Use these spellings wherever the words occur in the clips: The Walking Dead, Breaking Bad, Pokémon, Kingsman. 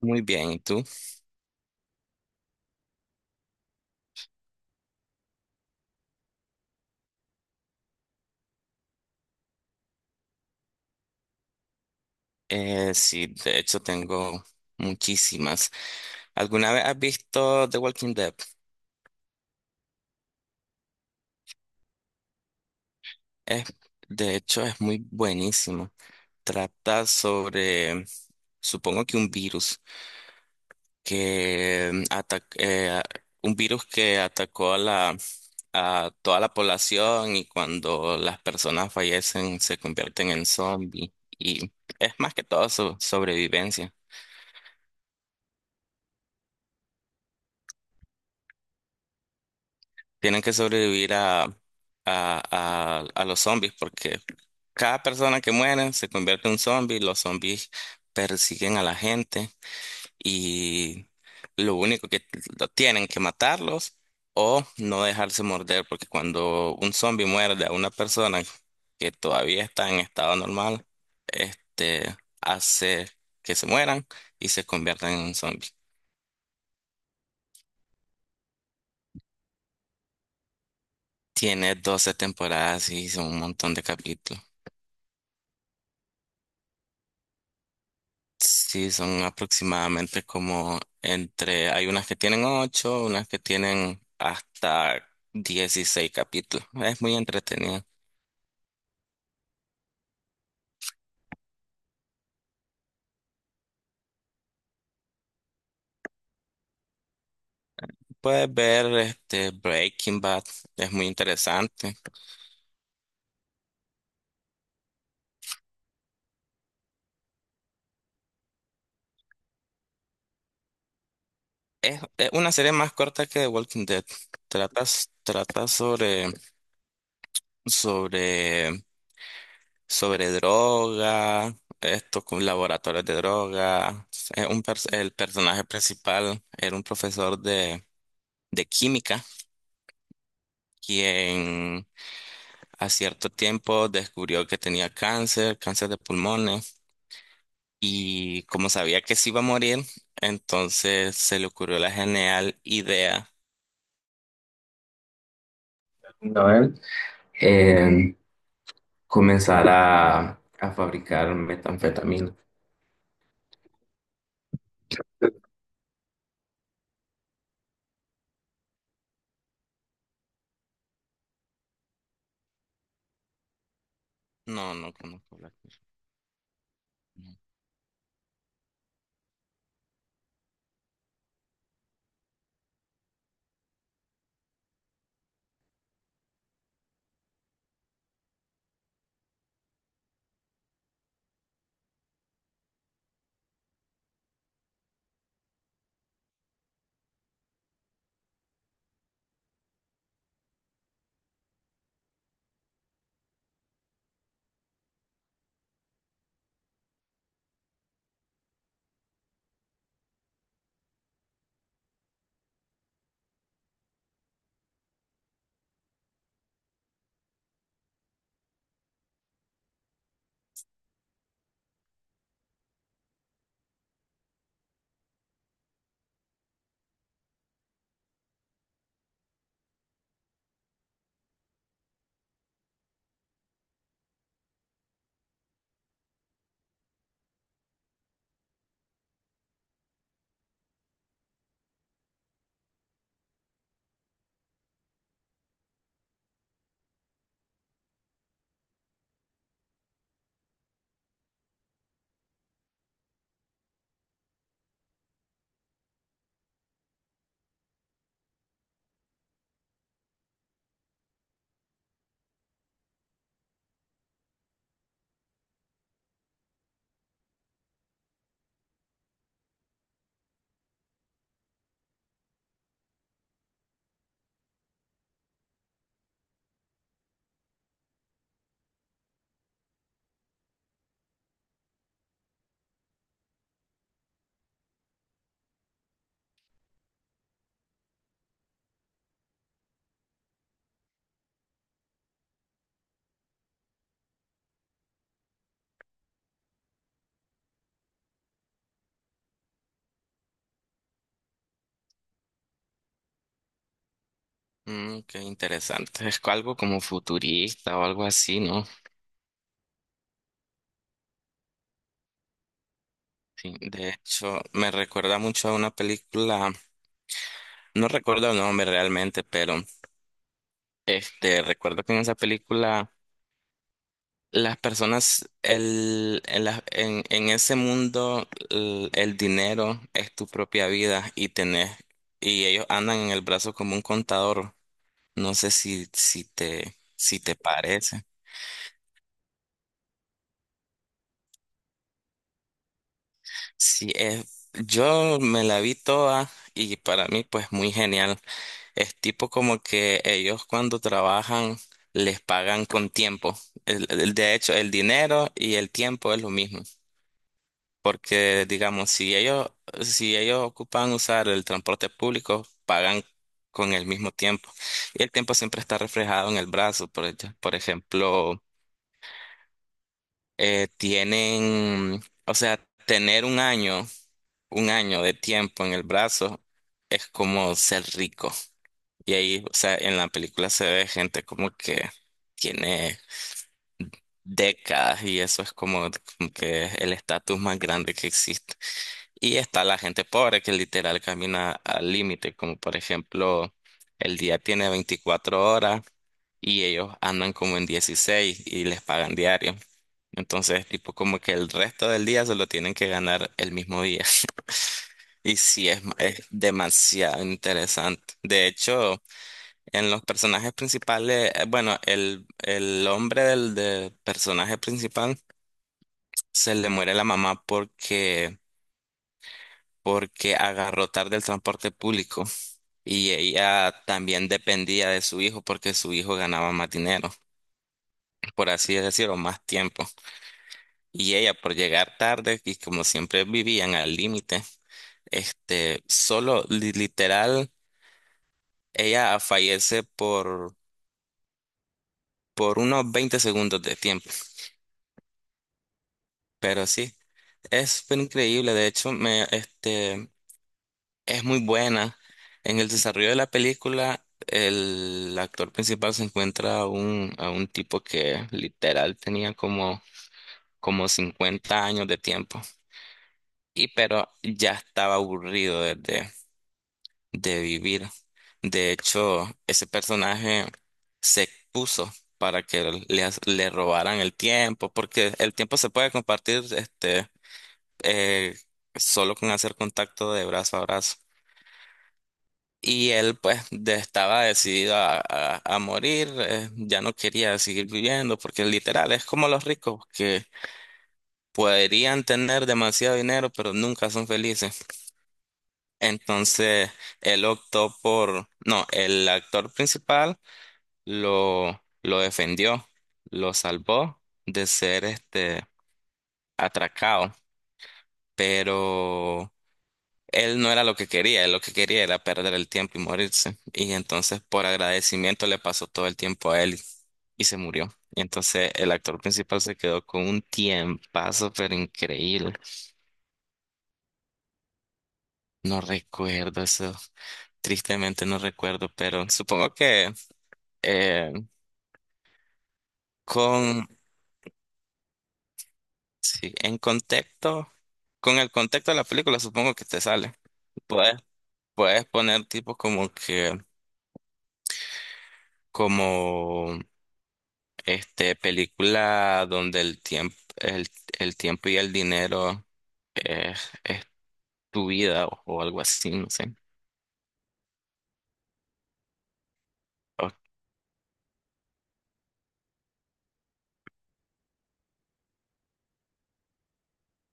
Muy bien, ¿y tú? Sí, de hecho tengo muchísimas. ¿Alguna vez has visto The Walking Dead? Es, de hecho es muy buenísimo. Trata sobre, supongo que un virus que ataca, un virus que atacó a toda la población y cuando las personas fallecen se convierten en zombies. Y es más que todo su sobrevivencia. Tienen que sobrevivir a los zombies porque cada persona que muere se convierte en un zombie, los zombies persiguen a la gente y lo único que lo tienen que matarlos o no dejarse morder porque cuando un zombie muerde a una persona que todavía está en estado normal, este hace que se mueran y se conviertan en un zombie. Tiene 12 temporadas y son un montón de capítulos. Sí, son aproximadamente como hay unas que tienen ocho, unas que tienen hasta 16 capítulos. Es muy entretenido. Puedes ver este Breaking Bad, es muy interesante. Es una serie más corta que The Walking Dead. Trata sobre, sobre, droga, esto con laboratorios de droga. Es el personaje principal era un profesor de química quien a cierto tiempo descubrió que tenía cáncer, cáncer de pulmones, y como sabía que se iba a morir, entonces se le ocurrió la genial idea. ¿No? Comenzar a fabricar metanfetamina. No, no conozco la persona. Mm, qué interesante. Algo como futurista o algo así, ¿no? Sí. De hecho, me recuerda mucho a una película, no recuerdo el nombre realmente, pero recuerdo que en esa película las personas, en ese mundo, el dinero es tu propia vida y tenés, y ellos andan en el brazo como un contador. No sé si te parece. Sí, yo me la vi toda y para mí pues muy genial. Es tipo como que ellos cuando trabajan les pagan con tiempo. De hecho, el dinero y el tiempo es lo mismo. Porque, digamos, si ellos ocupan usar el transporte público, pagan con el mismo tiempo. Y el tiempo siempre está reflejado en el brazo. Por ejemplo, o sea, tener un año de tiempo en el brazo es como ser rico. Y ahí, o sea, en la película se ve gente como que tiene décadas y eso es como que el estatus más grande que existe. Y está la gente pobre que literal camina al límite, como por ejemplo, el día tiene 24 horas y ellos andan como en 16 y les pagan diario. Entonces, tipo como que el resto del día se lo tienen que ganar el mismo día. Y sí, es demasiado interesante. De hecho, en los personajes principales, bueno, el hombre del personaje principal se le muere la mamá porque agarró tarde el transporte público y ella también dependía de su hijo porque su hijo ganaba más dinero, por así decirlo, más tiempo. Y ella por llegar tarde y como siempre vivían al límite, solo literal, ella fallece por unos 20 segundos de tiempo. Pero sí, es fue increíble. De hecho, es muy buena. En el desarrollo de la película, el actor principal se encuentra a un tipo que literal tenía como 50 años de tiempo. Y pero ya estaba aburrido de vivir. De hecho, ese personaje se puso para que le robaran el tiempo, porque el tiempo se puede compartir eh, solo con hacer contacto de brazo a brazo. Y él pues estaba decidido a morir, ya no quería seguir viviendo, porque literal es como los ricos que podrían tener demasiado dinero, pero nunca son felices. Entonces él optó no, el actor principal lo defendió, lo salvó de ser atracado, pero él no era lo que quería, él lo que quería era perder el tiempo y morirse. Y entonces por agradecimiento le pasó todo el tiempo a él y se murió. Y entonces el actor principal se quedó con un tiempazo, pero increíble. No recuerdo eso, tristemente no recuerdo, pero supongo que eh, con, sí, en contexto, con el contexto de la película supongo que te sale. Puedes, puedes poner tipo como que, como... película donde el tiempo y el dinero es tu vida o algo así, no sé. O-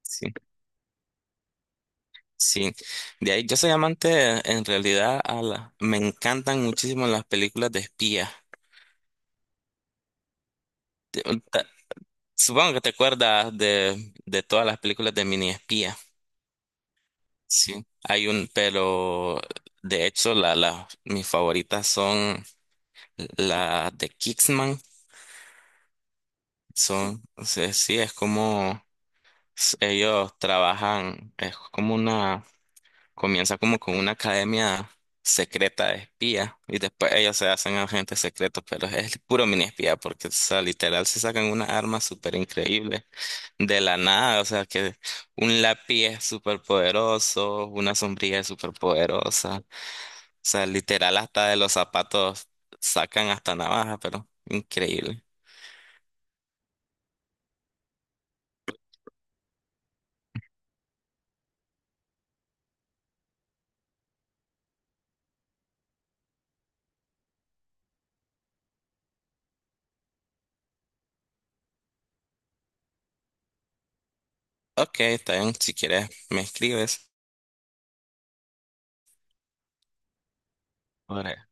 sí, sí. De ahí yo soy amante en realidad me encantan muchísimo las películas de espías. Te- ta- Supongo que te acuerdas de todas las películas de mini espía. Sí. Pero de hecho mis favoritas son las de Kingsman. Son, o sea, sí, es como ellos trabajan, comienza como con una academia secreta de espía y después ellos se hacen agentes secretos, pero es puro mini espía porque, o sea, literal se sacan unas armas súper increíbles de la nada, o sea, que un lápiz es súper poderoso, una sombrilla es súper poderosa, o sea, literal hasta de los zapatos sacan hasta navaja, pero increíble. Ok, está bien, si quieres me escribes. Ahora,